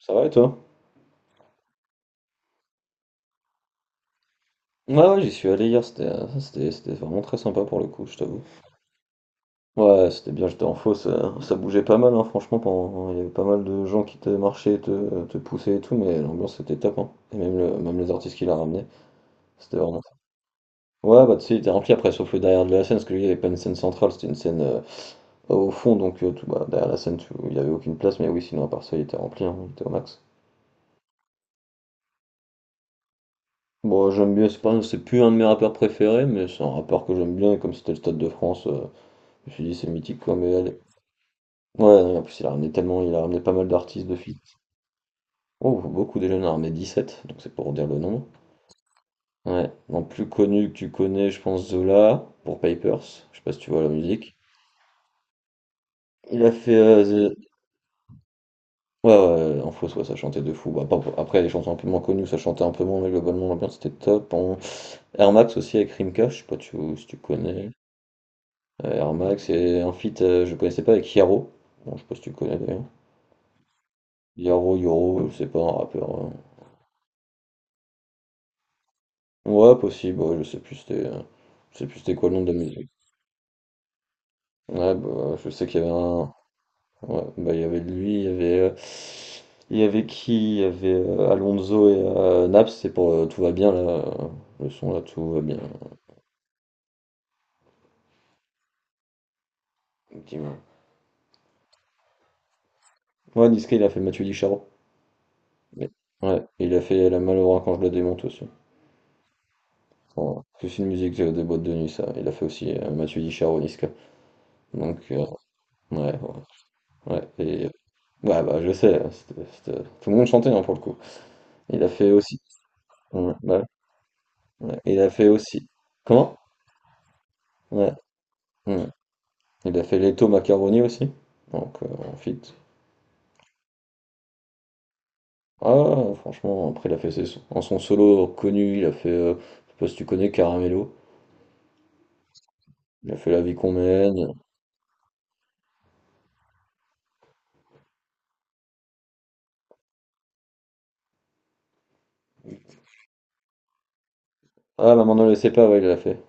Ça va et toi? Ouais, j'y suis allé hier, c'était c'était vraiment très sympa pour le coup, je t'avoue. Ouais, c'était bien, j'étais en fausse, ça bougeait pas mal, hein, franchement, il y avait pas mal de gens qui te marchaient, te poussaient et tout, mais l'ambiance était top, hein. Et même, même les artistes qui l'a ramené, c'était vraiment... Ouais, bah tu sais, il était rempli, après, sauf le derrière de la scène, parce que lui, il n'y avait pas une scène centrale, c'était une scène au fond, donc tout, bah, derrière la scène, il n'y avait aucune place, mais oui, sinon, à part ça, il était rempli, hein, il était au max. Bon, j'aime bien, c'est pas, c'est plus un de mes rappeurs préférés, mais c'est un rappeur que j'aime bien, et comme c'était le Stade de France... Je me suis dit, c'est mythique quoi, mais elle. Ouais, non, en plus, il a ramené pas mal d'artistes de filles. Oh, beaucoup déjà, il en a ramené 17 donc c'est pour dire le nom. Ouais, non, plus connu que tu connais, je pense Zola, pour Papers, je sais pas si tu vois la musique. Il a fait. The- ouais, en fausse, ouais, ça chantait de fou. Après, les chansons un peu moins connues, ça chantait un peu moins, mais globalement, l'ambiance était top. En... Air Max aussi avec Rimka, je sais pas si tu connais. Air Max et un feat, je connaissais pas, avec Yaro. Bon, je sais pas si tu connais d'ailleurs. Yaro, Yoro, je sais pas, un rappeur. Ouais, possible, ouais, je sais plus c'était je sais plus c'était quoi le nom de la musique. Ouais, bah, je sais qu'il y avait un ouais, bah il y avait lui, il y avait qui? Il y avait Alonso et Naps, c'est pour tout va bien là, le son là tout va bien. Dis-moi. Ouais, Niska, il a fait Mathieu Di Charo. Mais- Ouais, et il a fait La Malheur quand je la démonte aussi. Voilà. Parce que c'est une musique des boîtes de nuit ça. Il a fait aussi Mathieu Di Charo, Niska. Donc ouais, ouais, ouais, et ouais bah je sais, hein, tout le monde chantait hein, pour le coup. Il a fait aussi. Ouais, bah ouais. Il a fait aussi. Comment? Ouais. Hmm. Il a fait Leto Macaroni aussi. Donc en fit. Ah franchement, après il a fait ses sons. En son solo connu, il a fait je sais pas si tu connais Caramello. Il a fait La vie qu'on mène. Ah maman ne le sait pas, ouais, il l'a fait.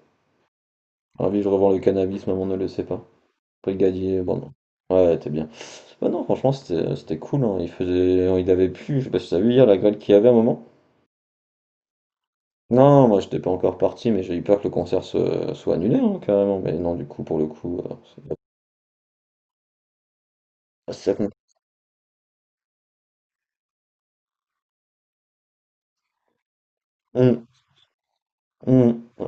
Ravi, je revends le cannabis, maman ne le sait pas. Brigadier, bon non. Ouais, t'es bien. Bah non, franchement, c'était cool, hein. Il faisait, il avait plu, je sais pas si t'as vu hier la grêle qu'il y avait un moment. Non, moi j'étais pas encore parti, mais j'ai eu peur que le concert soit annulé, hein, carrément. Mais non, du coup, pour le coup, c'est ah, c'est ça qu'on. Hum, hum, ouais.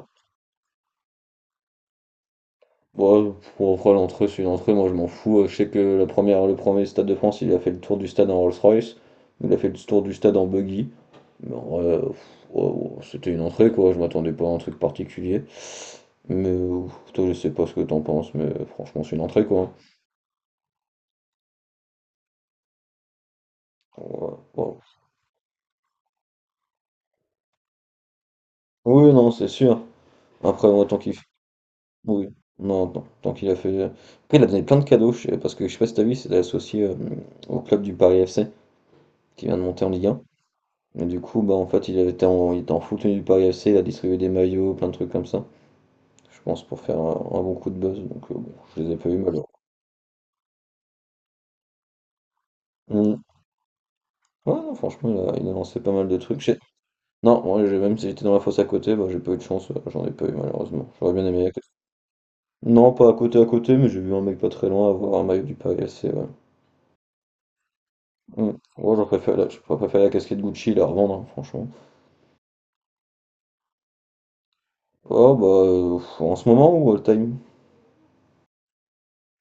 Ouais, pour après, l'entrée, c'est une entrée, moi je m'en fous. Je sais que le premier Stade de France, il a fait le tour du stade en Rolls-Royce, il a fait le tour du stade en buggy. Mais en vrai, ouais, c'était une entrée, quoi, je m'attendais pas à un truc particulier. Mais toi, je sais pas ce que t'en penses, mais franchement, c'est une entrée, quoi. Ouais. Oui, non, c'est sûr. Après, moi, tant qu'il Oui, non, non. Tant qu'il a fait. Après, il a donné plein de cadeaux, parce que je sais pas si t'as vu, c'était associé au club du Paris FC qui vient de monter en Ligue 1. Et du coup, bah en fait, il était en full tenue du Paris FC, il a distribué des maillots, plein de trucs comme ça. Je pense pour faire un bon coup de buzz. Donc, bon, je les ai pas vus malheureusement. Mm. Ouais, non, franchement, il a lancé pas mal de trucs. J'ai- Non, moi, j'ai- même si j'étais dans la fosse à côté, bah, j'ai pas eu de chance, j'en ai pas eu malheureusement. J'aurais bien aimé. Non, pas à côté, mais j'ai vu un mec pas très loin avoir un maillot du Paris FC, ouais. Mm. Oh, j'aurais préféré la casquette Gucci la revendre, hein, franchement. Oh, bah, en ce moment ou all time?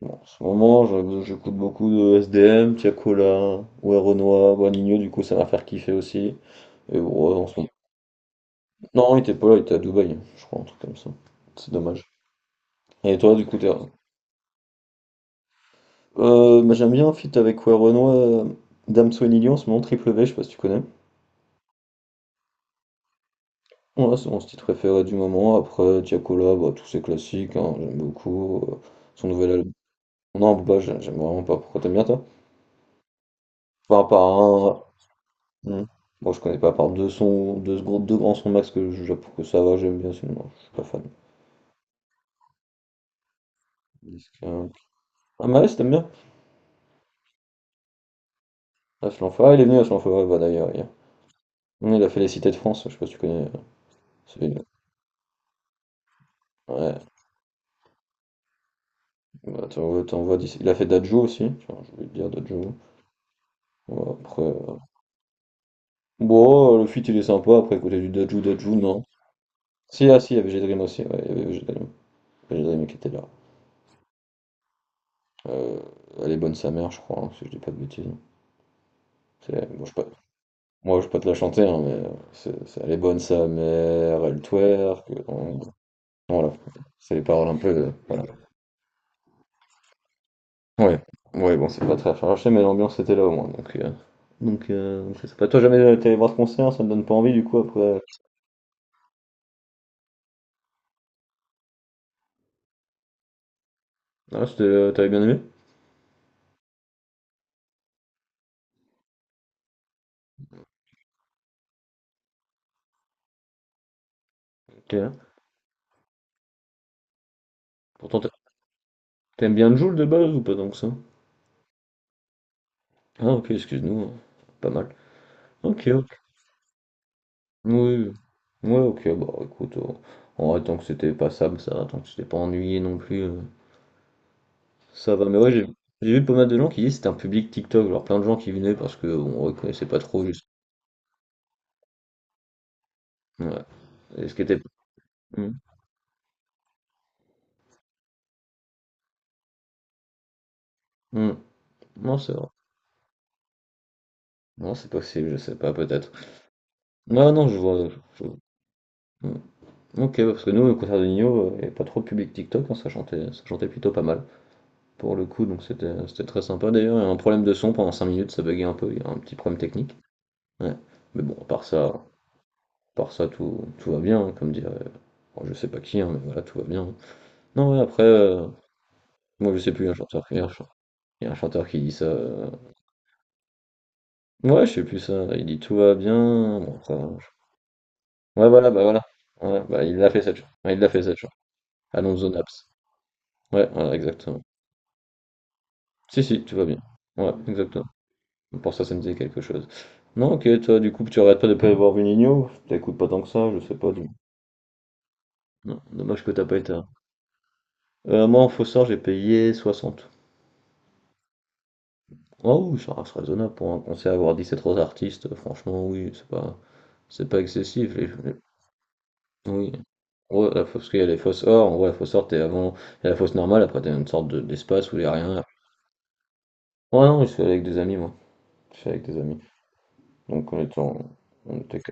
Bon, en ce moment, j'écoute beaucoup de S D M Tiakola, ouais, Renoir, Boiligno, du coup, ça m'a fait kiffer aussi. Et bon, ouais, en ce moment- Non, il était pas là, il était à Dubaï, je crois, un truc comme ça. C'est dommage. Et toi, du coup, t'es... bah, j'aime bien un feat avec ouais, Renoir, Damso et Nili en ce moment, Triple V, je sais pas si tu connais. Ouais, c'est mon style préféré du moment. Après, Tiakola, bah, tous ces classiques, hein, j'aime beaucoup. Son nouvel album. Non, Booba, j'aime vraiment pas. Pourquoi t'aimes bien toi? Enfin, par un. Hmm. Moi, je connais pas, par deux sons, deux grands sons max que je que ça va, j'aime bien, sinon, je suis pas fan. Disque, Ah, Maes, t'aimes bien? Ah, Flanfara, il est venu à Flanfara, bah d'ailleurs, hier. Il a fait les cités de France, je sais pas si tu connais. C'est une- Ouais, bah, t'en vois d'ici. Il a fait Dadjo aussi, tiens, je voulais te dire Dadjo. Ouais, après. Bon, le feat il est sympa, après, côté du Dadjo, Dadjo, non. Si, il y avait G-Dream aussi, ouais, il y avait G-Dream. G-Dream qui était là. Heu, elle est bonne sa mère, je crois, hein, si je dis pas de bêtises. C'est bon, je peux je peux te la chanter, hein, mais c'est elle est bonne sa mère, elle twerk, on voilà, c'est les paroles un peu, voilà. Ouais, ouais, bon, c'est pas très recherché, mais l'ambiance était là au moins, donc donc c'est pas Toi, jamais, tu allé voir ce concert, ça me donne pas envie du coup après? Ah, c'était, tu bien aimé? OK. Pourtant, tu bien Joule de base ou pas donc ça? Ah OK, excuse-nous, hein, pas mal. OK. Oui. Oui. Ouais, OK, bah, écoute, on en vrai, tant que c'était passable, ça va, tant que c'était pas ennuyé non plus, ça va. Mais ouais, j'ai vu pas mal de gens qui disaient que c'était un public TikTok, genre plein de gens qui venaient parce que bon, on reconnaissait pas trop juste. Ouais. Et ce qui était. Hmm. Hmm. Non, c'est vrai. Non, c'est possible, je sais pas, peut-être. Non, non, je vois. Hmm. Ok, ouais, parce que nous, au concert de Nino, il n'y avait pas trop de public TikTok, hein, ça chantait plutôt pas mal, pour le coup, donc c'était très sympa. D'ailleurs, il y a un problème de son pendant 5 minutes, ça buguait un peu, il y a un petit problème technique. Ouais. Mais bon, à part ça, tout va bien, hein, comme dirait. Bon, je sais pas qui, hein, mais voilà, tout va bien. Non, ouais, après, moi je sais plus, il y a un chanteur, il y a un chan- il y a un chanteur qui dit ça. Ouais, je sais plus ça, il dit tout va bien. Bon, après, je- Ouais, voilà. Ouais, bah, il l'a fait cette chanson. Ouais, il l'a fait cette chanson. Alonso Naps. Ouais, voilà, exactement. Si, tout va bien. Ouais, exactement. Pour ça, ça me disait quelque chose. Non, ok, toi, du coup, tu arrêtes pas de pas avoir vu t'écoutes pas tant que ça, je sais pas. Du- Non, dommage que t'as pas été. Moi, en faux sort, j'ai payé 60. Oh oui, ça reste raisonnable pour un concert, avoir 17 autres artistes, franchement, oui, c'est pas excessif. Oui, Ouais, parce qu'il y a les fausses or, en vrai, la fausse or, t'es avant, il y a la fausse normale, après t'as une sorte d'espace où il y a rien. Ouais, non, je suis allé avec des amis, moi. Je suis allé avec des amis. Donc on était en... on était que-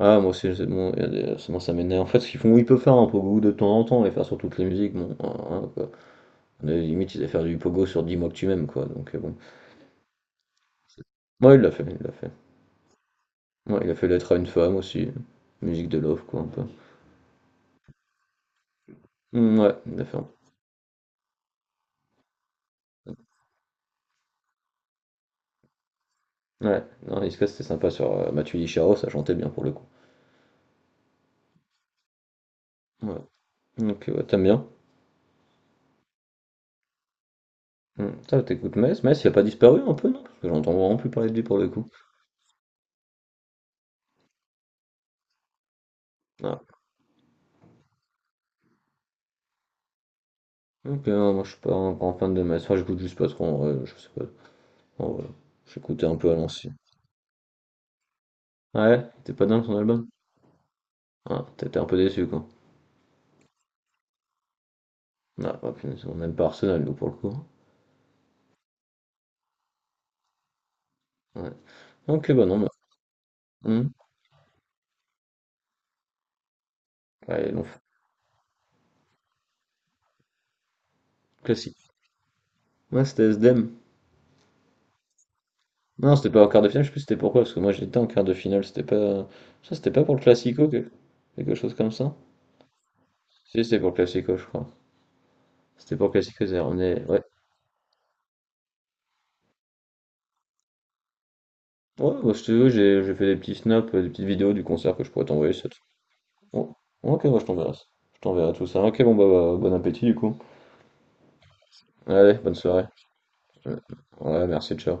Ah, moi aussi, c'est bon, il y a des- c'est bon, ça m'énerve. En fait, ce qu'ils font, ils peuvent faire un pogo de temps en temps, et faire sur toutes les musiques, bon, hein, quoi. Mais limite, ils allaient faire du pogo sur 10 mois que tu m'aimes, quoi, donc bon. Moi, il l'a fait. Ouais, il a fait Lettre à une femme aussi, musique de Love quoi un peu. Mmh, ouais, il a fait un peu. Ouais, non, Niska c'était sympa sur Mathieu Licharo, ça chantait bien pour le coup. Ouais. Ok, ouais, t'aimes bien? Mmh. Ça, t'écoutes Metz? Metz, il a pas disparu un peu, non? Parce que j'entends vraiment plus parler de lui pour le coup. Ah. Ok, non, moi je suis pas un grand fan de Metz. Enfin, j'écoute juste pas trop en vrai, je sais pas. En vrai, j'écoutais un peu à l'ancienne. Ouais, t'es pas dingue son album? Ah, t'étais un peu déçu quoi. Ah, oh, punaise, on aime pas Arsenal nous pour le coup, hein. Ouais. Ok, bah non, bah. Mmh. Ouais, ils l'ont fait. Classique. Ouais, c'était SDM. Non, c'était pas en quart de finale, je sais plus c'était pourquoi, parce que moi j'étais en quart de finale, c'était pas. Ça, c'était pas pour le Classico, quelque chose comme ça? Si, c'était pour le Classico, je crois. C'était pour le Classico, c'est ramené. Ouais. Ouais, moi je te vois, j'ai fait des petits snaps, des petites vidéos du concert que je pourrais t'envoyer, ça te- Bon. Ok, moi je t'enverrai ça. Je t'enverrai tout ça. Ok, bon, bah, bon appétit du coup. Allez, bonne soirée. Ouais, merci, ciao.